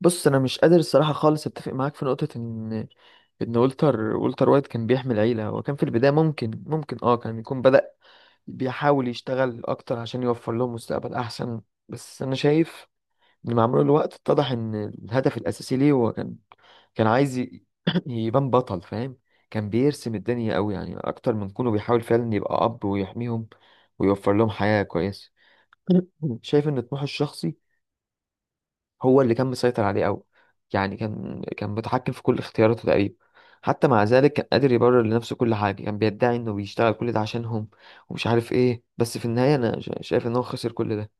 بص، انا مش قادر الصراحه خالص اتفق معاك في نقطه ان والتر وايت كان بيحمل عيله. هو كان في البدايه ممكن كان يكون بدأ بيحاول يشتغل اكتر عشان يوفر لهم مستقبل احسن. بس انا شايف ان مع مرور الوقت اتضح ان الهدف الاساسي ليه هو كان عايز يبان بطل، فاهم. كان بيرسم الدنيا قوي، يعني اكتر من كونه بيحاول فعلا يبقى اب ويحميهم ويوفر لهم حياه كويسه. شايف ان طموحه الشخصي هو اللي كان مسيطر عليه قوي. يعني كان متحكم في كل اختياراته تقريبا. حتى مع ذلك كان قادر يبرر لنفسه كل حاجة. كان بيدعي انه بيشتغل كل ده عشانهم ومش عارف ايه، بس في النهاية انا شايف ان هو خسر كل ده.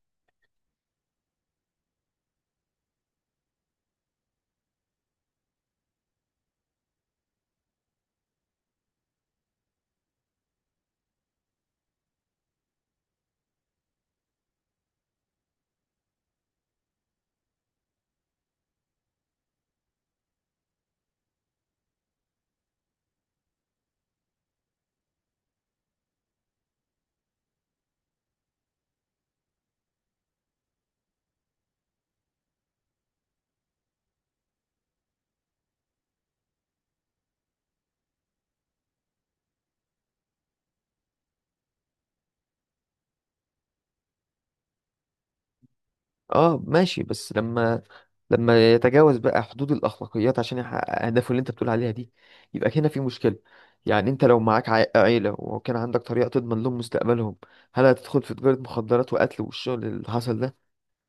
اه، ماشي، بس لما يتجاوز بقى حدود الأخلاقيات عشان يحقق أهدافه اللي أنت بتقول عليها دي، يبقى هنا في مشكلة. يعني أنت لو معاك عيلة وكان عندك طريقة تضمن لهم مستقبلهم، هل هتدخل في تجارة مخدرات وقتل والشغل اللي حصل ده؟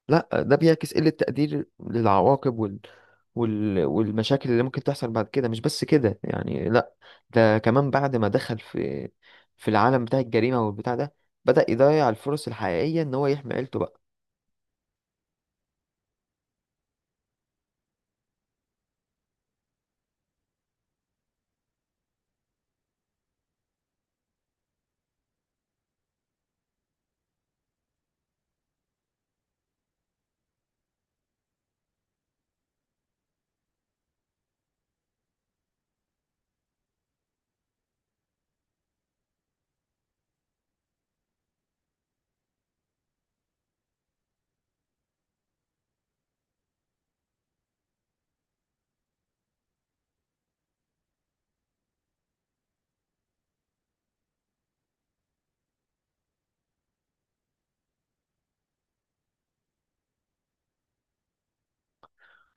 لا، ده بيعكس قلة تقدير للعواقب والمشاكل اللي ممكن تحصل بعد كده. مش بس كده يعني، لا، ده كمان بعد ما دخل في في العالم بتاع الجريمة والبتاع ده، بدأ يضيع الفرص الحقيقية ان هو يحمي عيلته بقى.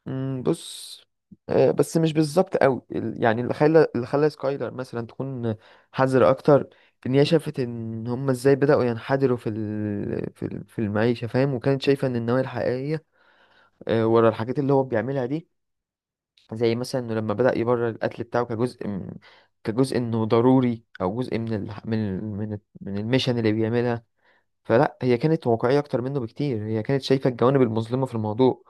مم، بص، آه، بس مش بالظبط قوي يعني اللي خلى سكايلر مثلا تكون حذرة اكتر. ان هي شافت ان هم ازاي بدأوا ينحدروا في المعيشة، فاهم. وكانت شايفة ان النوايا الحقيقية، آه، ورا الحاجات اللي هو بيعملها دي، زي مثلا انه لما بدأ يبرر القتل بتاعه كجزء انه ضروري او جزء من الميشن اللي بيعملها. فلا، هي كانت واقعية اكتر منه بكتير. هي كانت شايفة الجوانب المظلمة في الموضوع،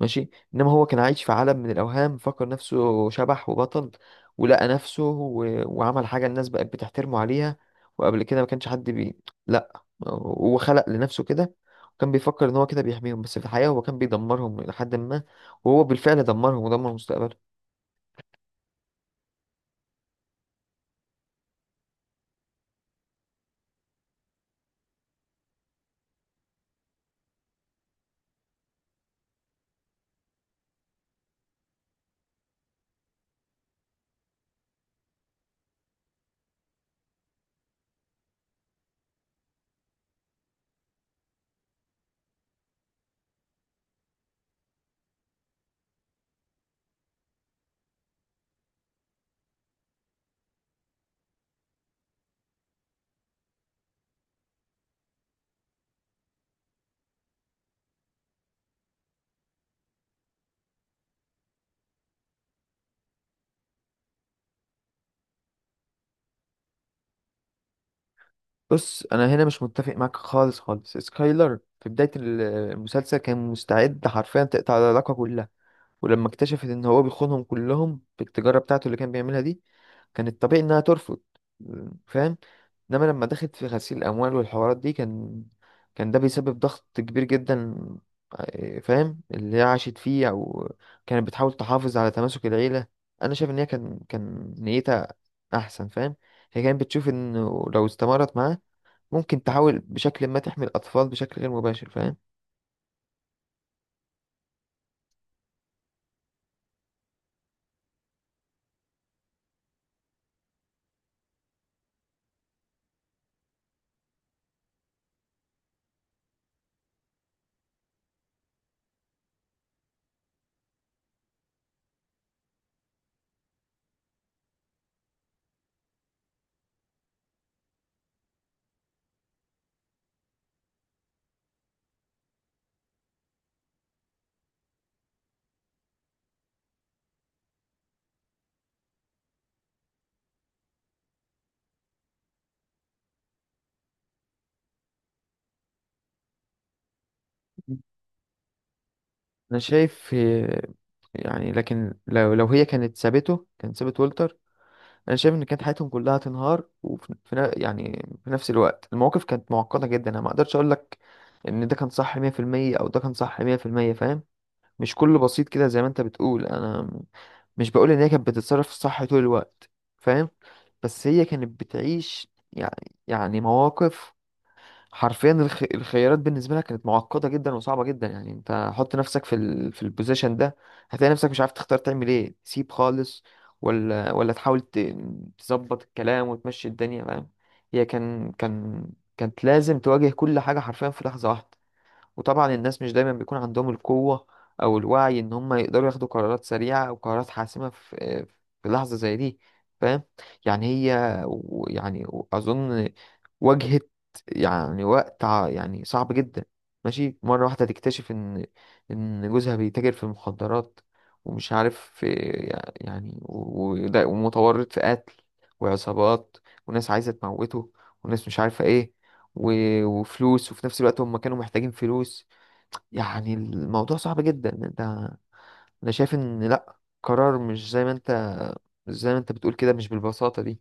ماشي. انما هو كان عايش في عالم من الاوهام، فكر نفسه شبح وبطل ولقى نفسه، وعمل حاجة الناس بقت بتحترمه عليها، وقبل كده ما كانش حد لا، هو خلق لنفسه كده. وكان بيفكر ان هو كده بيحميهم، بس في الحقيقة هو كان بيدمرهم لحد ما، وهو بالفعل دمرهم ودمر مستقبله. بص، انا هنا مش متفق معاك خالص خالص. سكايلر في بداية المسلسل كان مستعد حرفيا تقطع العلاقة كلها. ولما اكتشفت ان هو بيخونهم كلهم بالتجارة بتاعته اللي كان بيعملها دي، كان الطبيعي انها ترفض، فاهم. انما لما دخلت في غسيل الاموال والحوارات دي، كان ده بيسبب ضغط كبير جدا، آه، فاهم، اللي هي عاشت فيه. او كانت بتحاول تحافظ على تماسك العيلة. انا شايف ان هي كان نيتها احسن، فاهم. هي كانت بتشوف انه لو استمرت معاه، ممكن تحاول بشكل ما تحمي الأطفال بشكل غير مباشر، فاهم. أنا شايف، آه، يعني لكن لو هي كانت سابته، كان سابت والتر. أنا شايف إن كانت حياتهم كلها تنهار. وفي يعني في نفس الوقت المواقف كانت معقدة جدا. أنا ما أقدرش أقول لك إن ده كان صح 100% أو ده كان صح 100%، فاهم. مش كله بسيط كده زي ما أنت بتقول. أنا مش بقول إن هي كانت بتتصرف صح طول الوقت، فاهم. بس هي كانت بتعيش يعني يعني مواقف حرفيا. الخيارات بالنسبه لها كانت معقده جدا وصعبه جدا. يعني انت حط نفسك في البوزيشن ده، هتلاقي نفسك مش عارف تختار تعمل ايه، تسيب خالص ولا تحاول تظبط الكلام وتمشي الدنيا، فاهم. هي كانت لازم تواجه كل حاجه حرفيا في لحظه واحده. وطبعا الناس مش دايما بيكون عندهم القوة أو الوعي إن هم يقدروا ياخدوا قرارات سريعة أو قرارات حاسمة في في لحظة زي دي، فاهم. يعني هي يعني أظن واجهت يعني وقت يعني صعب جدا، ماشي. مرة واحدة تكتشف إن إن جوزها بيتاجر في المخدرات ومش عارف في، يعني ومتورط في قتل وعصابات وناس عايزة تموته وناس مش عارفة إيه، وفلوس، وفي نفس الوقت هم كانوا محتاجين فلوس. يعني الموضوع صعب جدا يعني انت. انا شايف ان لا، قرار مش زي ما انت، مش زي ما انت بتقول كده، مش بالبساطة دي.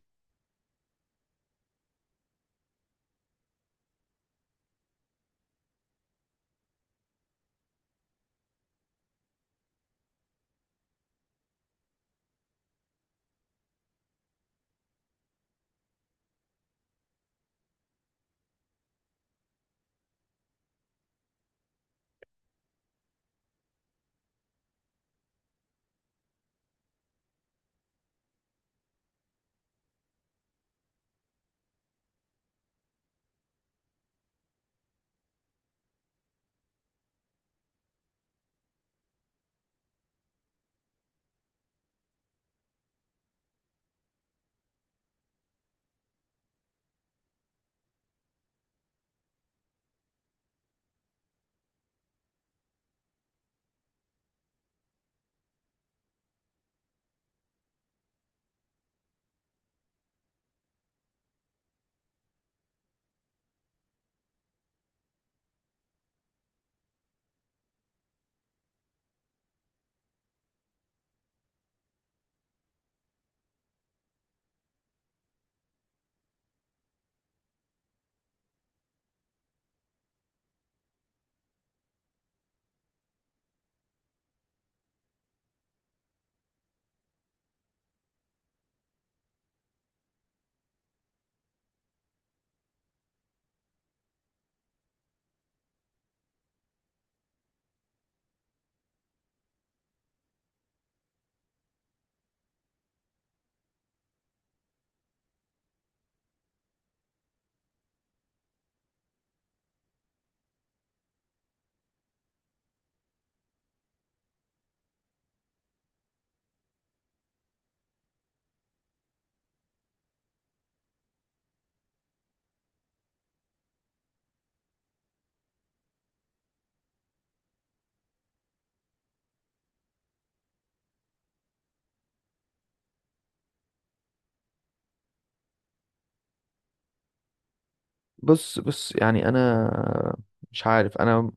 بص بص، يعني انا مش عارف، انا،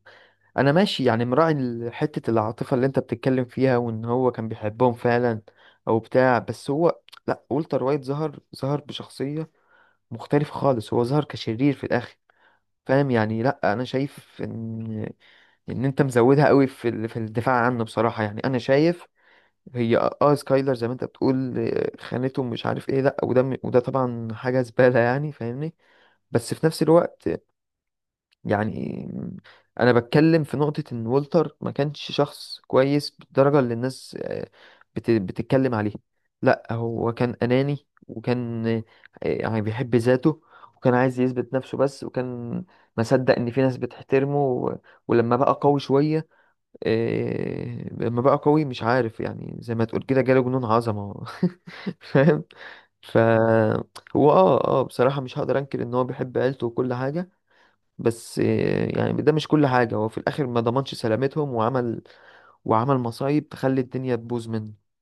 انا ماشي يعني مراعي حتة العاطفة اللي انت بتتكلم فيها وان هو كان بيحبهم فعلا او بتاع، بس هو، لا، والتر وايت ظهر بشخصية مختلفة خالص. هو ظهر كشرير في الاخر، فاهم. يعني لا، انا شايف ان ان انت مزودها قوي في الدفاع عنه بصراحة. يعني انا شايف هي اه، آه، سكايلر زي ما انت بتقول آه، خانته مش عارف ايه، لا، وده طبعا حاجه زباله يعني، فاهمني. بس في نفس الوقت، يعني انا بتكلم في نقطه ان والتر ما كانش شخص كويس بالدرجه اللي الناس آه، بتتكلم عليه. لا، هو كان اناني وكان آه، يعني بيحب ذاته وكان عايز يثبت نفسه بس. وكان مصدق ان في ناس بتحترمه ولما بقى قوي شويه، إيه، لما بقى قوي، مش عارف، يعني زي ما تقول كده جاله جنون عظمة. فاهم. ف هو اه اه بصراحة مش هقدر انكر ان هو بيحب عيلته وكل حاجة. بس إيه، يعني ده مش كل حاجة. هو في الاخر ما ضمنش سلامتهم، وعمل وعمل مصايب تخلي الدنيا تبوظ منه.